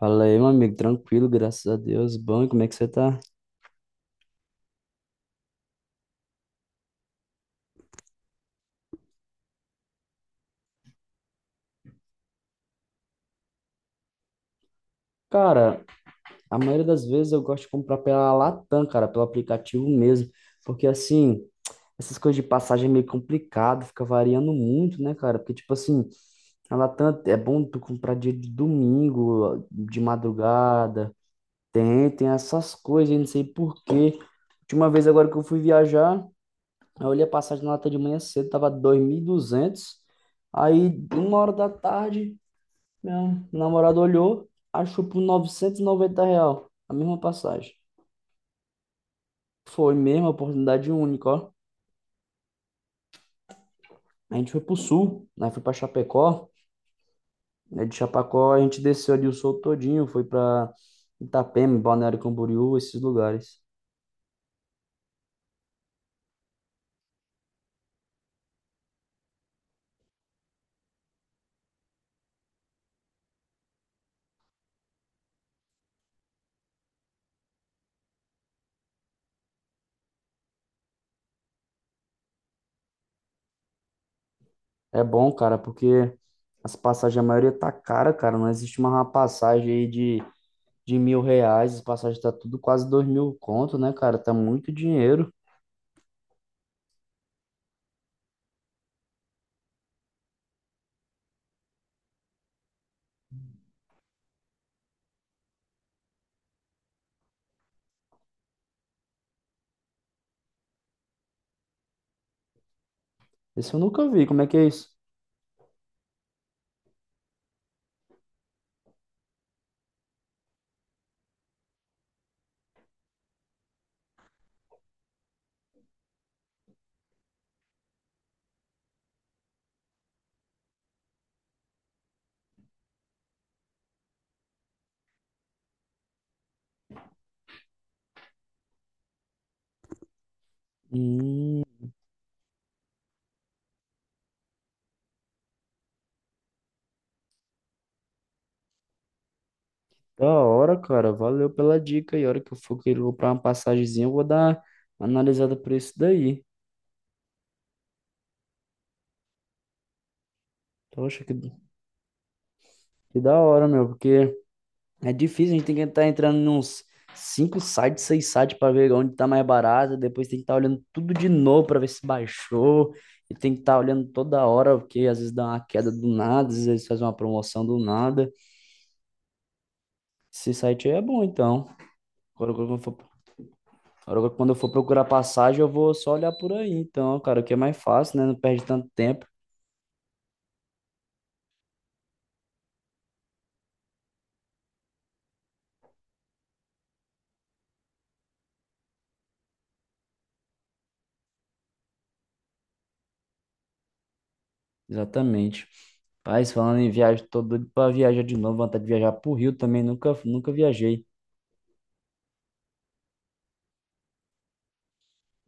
Fala aí, meu amigo, tranquilo, graças a Deus. Bom, e como é que você tá? Cara, a maioria das vezes eu gosto de comprar pela Latam, cara, pelo aplicativo mesmo, porque assim, essas coisas de passagem é meio complicado, fica variando muito, né, cara? Porque, tipo assim, a Latam é bom tu comprar dia de domingo, de madrugada, tem, tem essas coisas, eu não sei por quê. Última vez agora que eu fui viajar, eu olhei a passagem na Latam de manhã cedo, tava 2.200 aí uma hora da tarde. Meu namorado olhou, achou por 990 real a mesma passagem. Foi mesmo, oportunidade única, ó. A gente foi pro sul, né? Foi pra Chapecó. Né, de Chapecó a gente desceu ali o sul todinho, foi pra Itapema, Balneário Camboriú, esses lugares. É bom, cara, porque as passagens, a maioria tá cara, cara. Não existe uma passagem aí de 1.000 reais. As passagens tá tudo quase 2.000 conto, né, cara? Tá muito dinheiro. Esse eu nunca vi. Como é que é isso? Hum. Da hora, cara. Valeu pela dica. E a hora que eu for querer comprar uma passagemzinha, eu vou dar uma analisada por isso daí. Poxa, que da hora, meu. Porque é difícil, a gente tem que estar entrando em uns cinco sites, seis sites para ver onde tá mais barato. Depois tem que estar olhando tudo de novo para ver se baixou. E tem que estar olhando toda hora, porque às vezes dá uma queda do nada, às vezes faz uma promoção do nada. Esse site aí é bom, então. Agora, quando eu for Agora, quando eu for procurar passagem, eu vou só olhar por aí. Então, cara, o que é mais fácil, né? Não perde tanto tempo. Exatamente. Mas falando em viagem, tô doido pra viajar de novo. Vontade de viajar pro Rio também. Nunca, nunca viajei.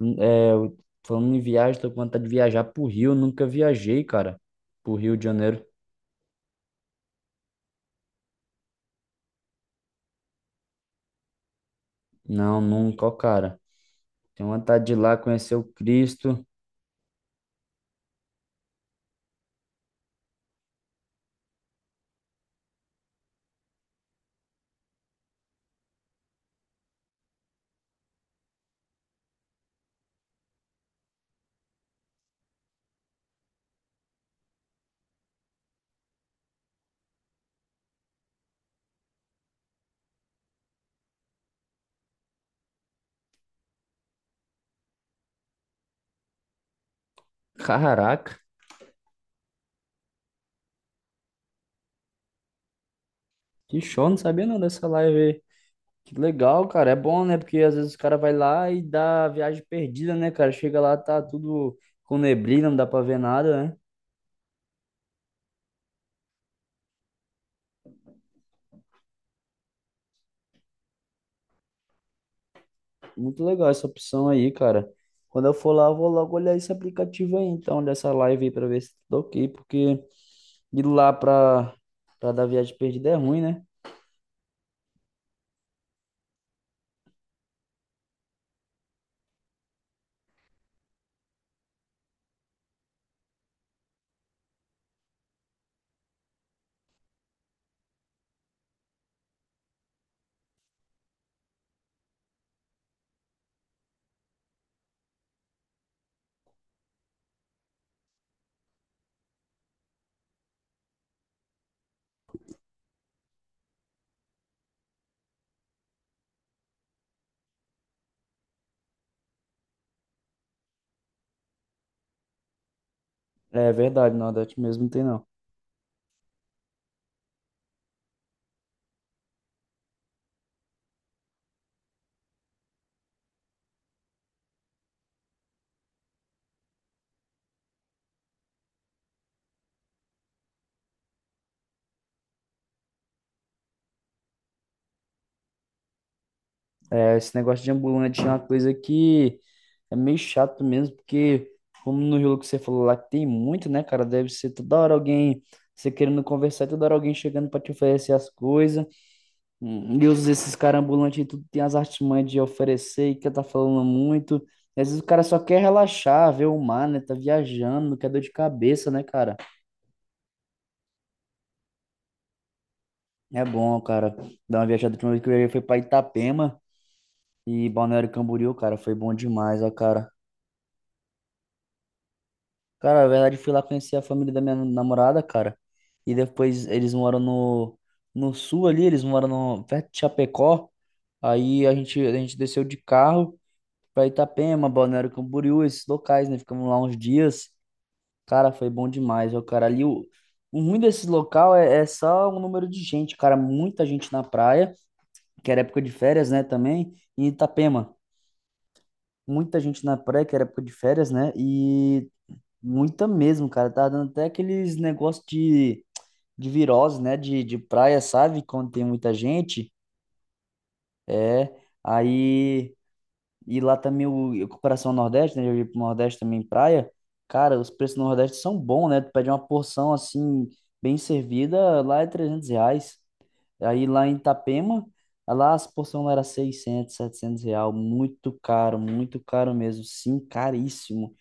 É, falando em viagem, tô com vontade de viajar pro Rio. Nunca viajei, cara. Pro Rio de Janeiro. Não, nunca, ó, cara. Tenho vontade de ir lá conhecer o Cristo. Caraca, que show. Não sabia não dessa live aí. Que legal, cara. É bom, né? Porque às vezes o cara vai lá e dá a viagem perdida, né, cara? Chega lá, tá tudo com neblina, não dá pra ver nada, né? Muito legal essa opção aí, cara. Quando eu for lá, eu vou logo olhar esse aplicativo aí, então, dessa live aí, pra ver se tá ok, porque ir lá pra dar viagem perdida é ruim, né? É verdade, Nordeste mesmo não tem não. É, esse negócio de ambulante é uma coisa que é meio chato mesmo, porque, como no jogo que você falou lá, que tem muito, né, cara? Deve ser toda hora alguém, você querendo conversar, toda hora alguém chegando pra te oferecer as coisas. Esses caras ambulantes aí, tudo tem as artimanhas de oferecer e que tá falando muito. Às vezes o cara só quer relaxar, ver o mar, né? Tá viajando, não quer dor de cabeça, né, cara? É bom, cara, dar uma viajada. A última vez que eu viajei foi pra Itapema e Balneário Camboriú, cara, foi bom demais, ó, cara. Cara, na verdade, fui lá conhecer a família da minha namorada, cara. E depois eles moram no, sul ali, eles moram no, perto de Chapecó. Aí a gente desceu de carro pra Itapema, Balneário Camboriú, esses locais, né? Ficamos lá uns dias. Cara, foi bom demais, ó, cara. Ali, o ruim desse local é só o número de gente, cara. Muita gente na praia, que era época de férias, né, também. E Itapema, muita gente na praia, que era época de férias, né? E muita mesmo, cara. Tá dando até aqueles negócios de virose, né? De praia, sabe? Quando tem muita gente. É. Aí. E lá também o, comparação coração Nordeste, né? Eu ia pro Nordeste também, praia. Cara, os preços no Nordeste são bons, né? Tu pede uma porção assim, bem servida, lá é 300 reais. Aí lá em Itapema, lá as porções lá era 600-700 reais. Muito caro mesmo. Sim, caríssimo.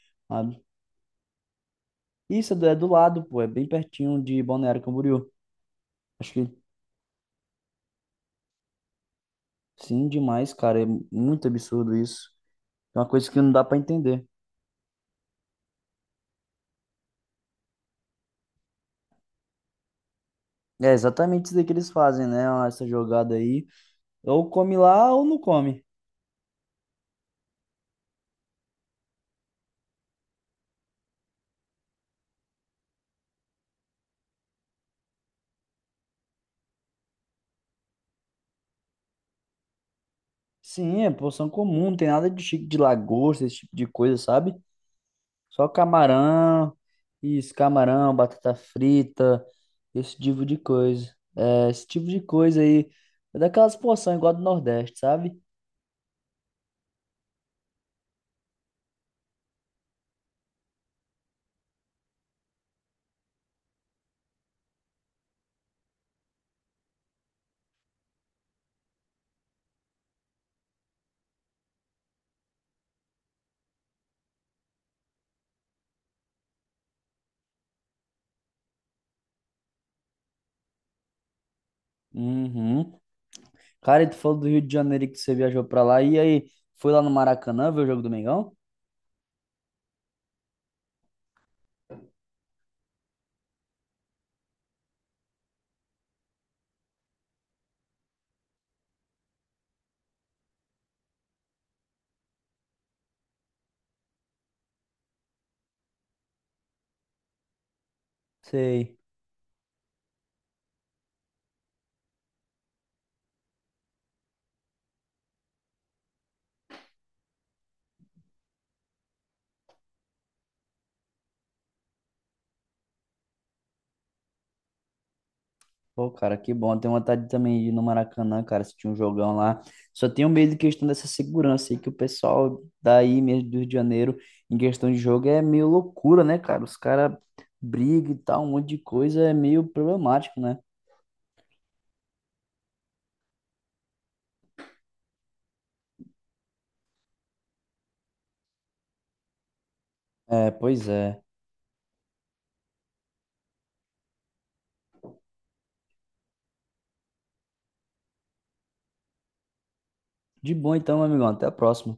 Isso é do lado, pô, é bem pertinho de Balneário Camboriú. Acho que sim, demais, cara. É muito absurdo isso. É uma coisa que não dá pra entender. É exatamente isso aí que eles fazem, né? Essa jogada aí. Ou come lá ou não come. Sim, é porção comum, não tem nada de chique de lagosta, esse tipo de coisa, sabe? Só camarão, isso, camarão, batata frita, esse tipo de coisa. É, esse tipo de coisa aí. É daquelas porções igual a do Nordeste, sabe? Uhum. Cara, e tu falou do Rio de Janeiro e que você viajou pra lá. E aí, foi lá no Maracanã ver o jogo do Mengão? Sei. Pô, cara, que bom. Eu tenho vontade também de ir no Maracanã, cara, se tinha um jogão lá. Só tenho medo de questão dessa segurança aí, que o pessoal daí mesmo do Rio de Janeiro, em questão de jogo, é meio loucura, né, cara? Os caras brigam e tal, um monte de coisa, é meio problemático, né? É, pois é. De bom então, meu amigão. Até a próxima.